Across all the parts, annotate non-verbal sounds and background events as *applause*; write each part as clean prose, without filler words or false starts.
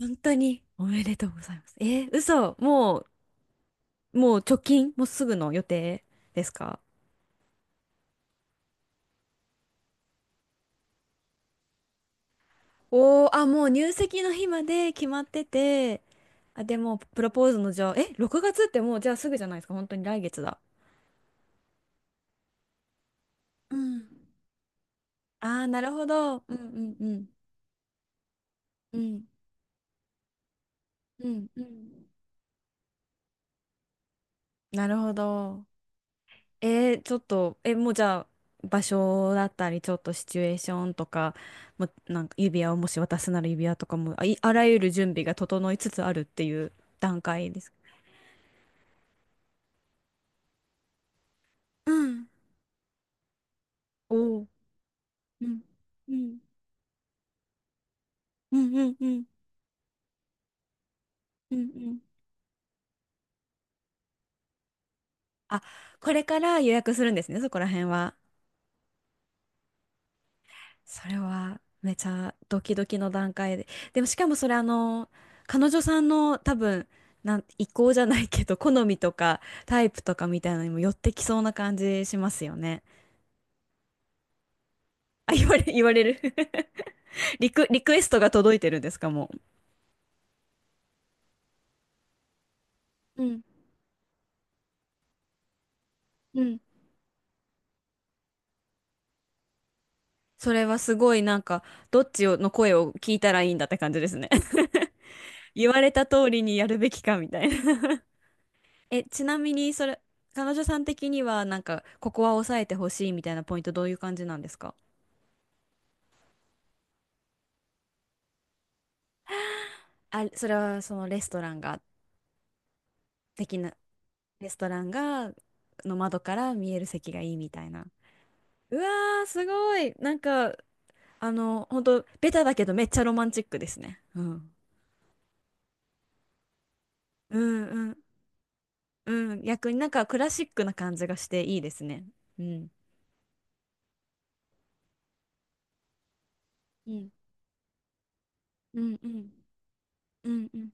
本当におめでとうございます。嘘、もう直近、もうすぐの予定ですか？おー、あ、もう入籍の日まで決まってて、あ、でも、プロポーズのじゃあ、え、6月ってもうじゃあすぐじゃないですか、本当に来月だ。うん。あー、なるほど。うんうんうん。うんうんうん。なるほど。えー、ちょっと、え、もうじゃあ、場所だったり、ちょっとシチュエーションとか、もうなんか指輪をもし渡すなら指輪とかも、あらゆる準備が整いつつあるっていう段階です。うんおお。うんうんうんうんうんうんうん。あ、これから予約するんですね、そこら辺は。それはめちゃドキドキの段階で。でもしかもそれあの、彼女さんの多分、意向じゃないけど、好みとかタイプとかみたいなのにも寄ってきそうな感じしますよね。言われる。 *laughs* リクエストが届いてるんですか、もう。うん、うん。それはすごいなんか、どっちの声を聞いたらいいんだって感じですね。*laughs* 言われた通りにやるべきかみたいな。え、ちなみに、それ、彼女さん的には、なんか、ここは抑えてほしいみたいなポイント、どういう感じなんですか？あ、それは、そのレストランが、的な、レストランが、の窓から見える席がいいみたいな。うわー、すごい。なんか、あの、本当ベタだけど、めっちゃロマンチックですね。うん。うんうんうん。逆になんか、クラシックな感じがしていいですね。うん。うんうんうんうんうん。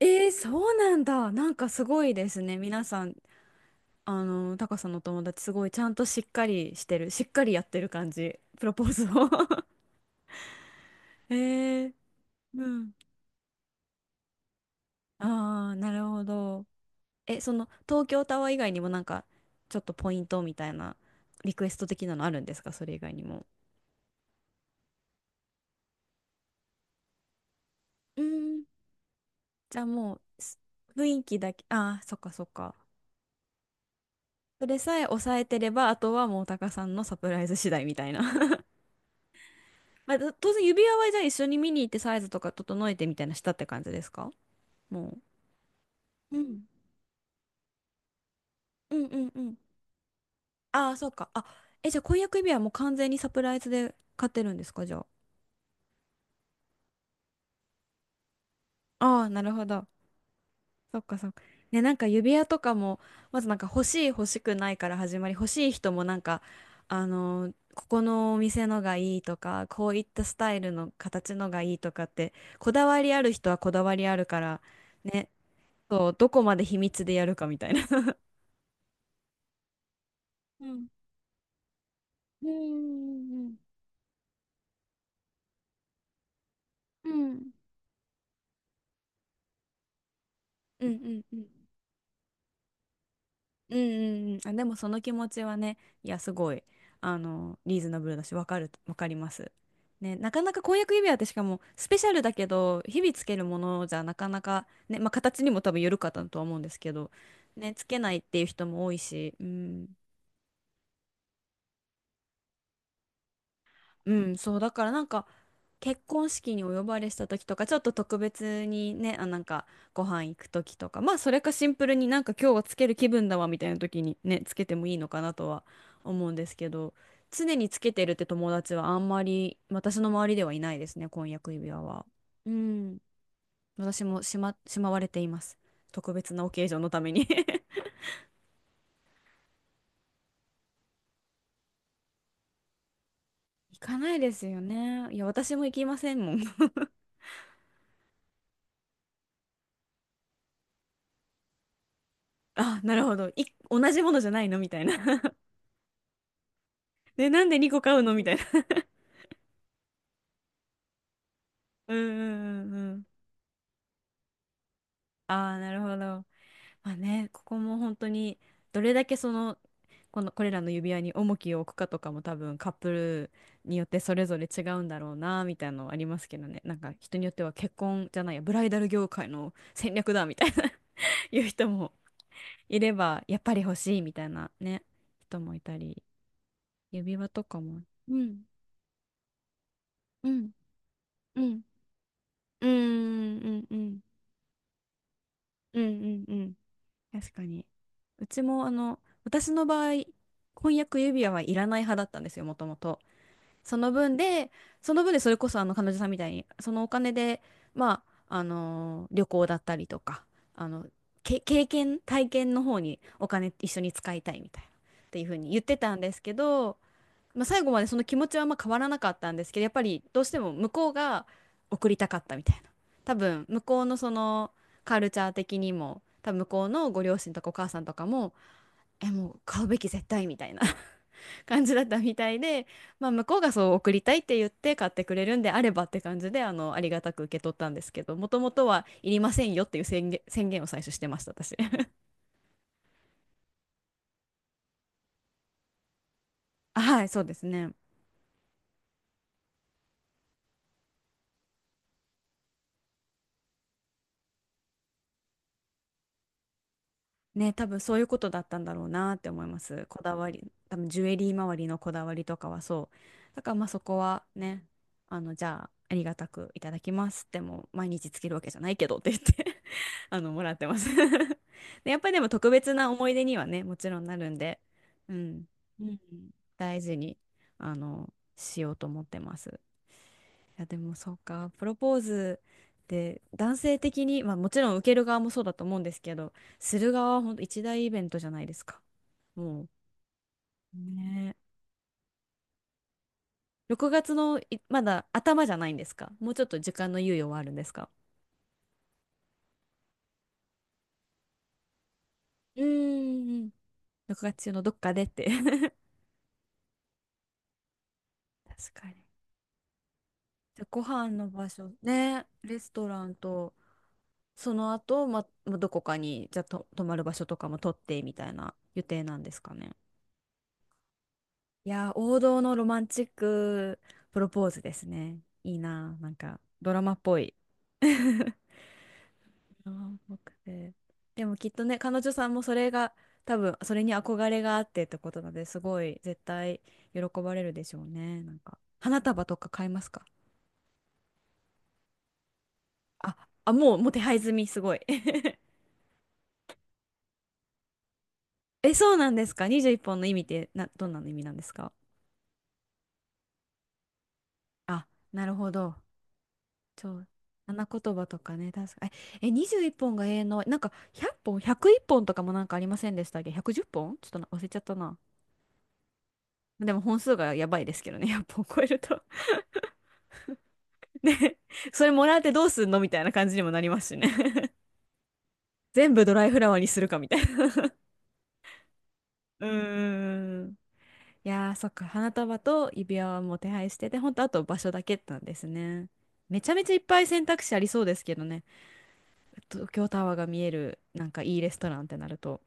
えー、そうなんだ。なんかすごいですね。皆さんあの、タカさんのお友達すごいちゃんとしっかりしてる、しっかりやってる感じ、プロポーズを。 *laughs* えー、うん。ああ、なるほど。え、その東京タワー以外にもなんかちょっとポイントみたいなリクエスト的なのあるんですか、それ以外にも。うーん。じゃあもうす雰囲気だけ、ああ、そっかそっか。それさえ抑えてれば、あとはもうタカさんのサプライズ次第みたいな。 *laughs* まあ、当然指輪はじゃあ一緒に見に行ってサイズとか整えてみたいなしたって感じですか？もう。うんうんうんうん。ああ、そうか。あ、え、じゃあ婚約指輪も完全にサプライズで買ってるんですか、じゃあ。ああ、なるほど。そっかそっか。ね、なんか指輪とかも、まずなんか欲しい欲しくないから始まり、欲しい人もなんか、あのーここのお店のがいいとか、こういったスタイルの形のがいいとかって、こだわりある人はこだわりあるから、ね、そう、どこまで秘密でやるかみたいな。*laughs* うん。うんうんうんうん。うんうんうんうん。うんうんうん、あ、でもその気持ちはね、いや、すごい、あの、リーズナブルだし、わかります。ね、なかなか婚約指輪ってしかも、スペシャルだけど、日々つけるものじゃなかなか、ね、まあ、形にも多分よるかったとは思うんですけど、ね、つけないっていう人も多いし、うん、うん、そう、だからなんか、結婚式にお呼ばれした時とかちょっと特別にねあなんかご飯行く時とかまあそれかシンプルになんか今日はつける気分だわみたいな時にねつけてもいいのかなとは思うんですけど、常につけてるって友達はあんまり私の周りではいないですね、婚約指輪は。うん、私もしまわれています、特別なオケージョンのために。 *laughs* 行かないですよね、いや私も行きませんもん。 *laughs* あ、なるほど、い、同じものじゃないのみたいな。 *laughs* でなんで2個買うのみたいな。うんうんうんうん。ああ、なるほど。まあね、ここも本当に、どれだけその、この、これらの指輪に重きを置くかとかも多分カップルによってそれぞれ違うんだろうな、みたいなのはありますけどね。なんか人によっては結婚じゃないや、ブライダル業界の戦略だ、みたいな。 *laughs* いう人もいれば、やっぱり欲しい、みたいなね、人もいたり、指輪とかも。うん、うん、うん。うん、うん、うん、うん、うん、うん。確かに。うちもあの私の場合、婚約指輪はいらない派だったんですよ、もともと。その分でその分でそれこそあの彼女さんみたいにそのお金で、まあ、あのー旅行だったりとか、あの経験体験の方にお金一緒に使いたいみたいなっていうふうに言ってたんですけど、まあ、最後までその気持ちはあんま変わらなかったんですけどやっぱりどうしても向こうが送りたかったみたいな、多分向こうのそのカルチャー的にも多分向こうのご両親とかお母さんとかも、えもう買うべき絶対みたいな *laughs* 感じだったみたいで、まあ、向こうがそう送りたいって言って買ってくれるんであればって感じであのありがたく受け取ったんですけど、もともとはいりませんよっていう宣言、*laughs* 宣言を最初してました私。 *laughs* あはいそうですね。ね、多分そういうことだったんだろうなって思います。こだわり、多分ジュエリー周りのこだわりとかはそう。だからまあそこはね、あの、じゃあありがたくいただきますってもう毎日つけるわけじゃないけどって言って *laughs* あの、もらってます。 *laughs* で、やっぱりでも特別な思い出にはね、もちろんなるんで、うん、うん、大事に、あの、しようと思ってます。やでもそうかプロポーズで男性的に、まあ、もちろん受ける側もそうだと思うんですけど、する側は本当一大イベントじゃないですか。もうねえ6月のいまだ頭じゃないんですか？もうちょっと時間の猶予はあるんですか？うーん。6月中のどっかでって。 *laughs* 確かに。じゃあご飯の場所ね、レストランとその後、まどこかにじゃあと泊まる場所とかも取ってみたいな予定なんですかね。いやー、王道のロマンチックプロポーズですね。いいなー、なんかドラマっぽい。*laughs* あ、ラ、で、でもきっとね、彼女さんもそれが、多分それに憧れがあってってことなので、すごい絶対喜ばれるでしょうね。なんか、花束とか買いますか？あ、もう手配済み、すごい。*laughs* え、そうなんですか？ 21 本の意味ってな、どんなの意味なんですか？あ、なるほど。そう。花言葉とかね、確かに。え、21本が永遠の、なんか100本、101本とかもなんかありませんでしたっけ？ 110 本ちょっとな忘れちゃったな。でも本数がやばいですけどね、*laughs* 10本超えると。*laughs* ね、それもらってどうすんのみたいな感じにもなりますしね。*laughs* 全部ドライフラワーにするかみたいな。*laughs* うーん。いやー、そっか、花束と指輪はもう手配してて、ほんとあと場所だけなんですね。めちゃめちゃいっぱい選択肢ありそうですけどね。東京タワーが見える、なんかいいレストランってなると。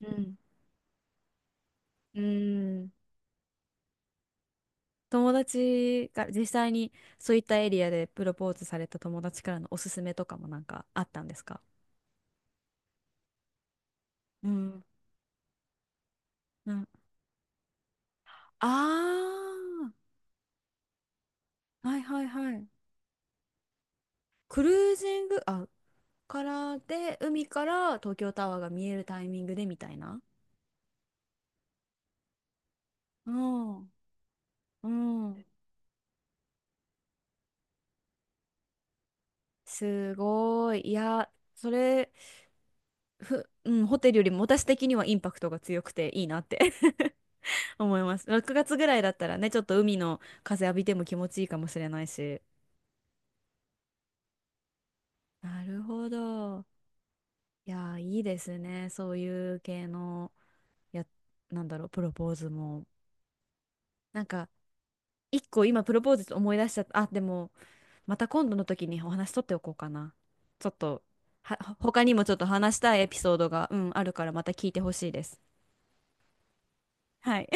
うん。うーん。友達が実際にそういったエリアでプロポーズされた友達からのおすすめとかもなんかあったんですか？うん。うん。ああ、はいはいはい。クルージング、あ、からで、海から東京タワーが見えるタイミングでみたいな。うん、うん。すごい。いや、それ、ふ、うん、ホテルよりも私的にはインパクトが強くていいなって *laughs* 思います。6月ぐらいだったらね、ちょっと海の風浴びても気持ちいいかもしれないし。なるほど。いやー、いいですね。そういう系の、や、なんだろう、プロポーズも。なんか、一個今プロポーズ思い出しちゃった。あ、でも、また今度の時にお話取っておこうかな。ちょっと、は、他にもちょっと話したいエピソードが、うん、あるからまた聞いてほしいです。はい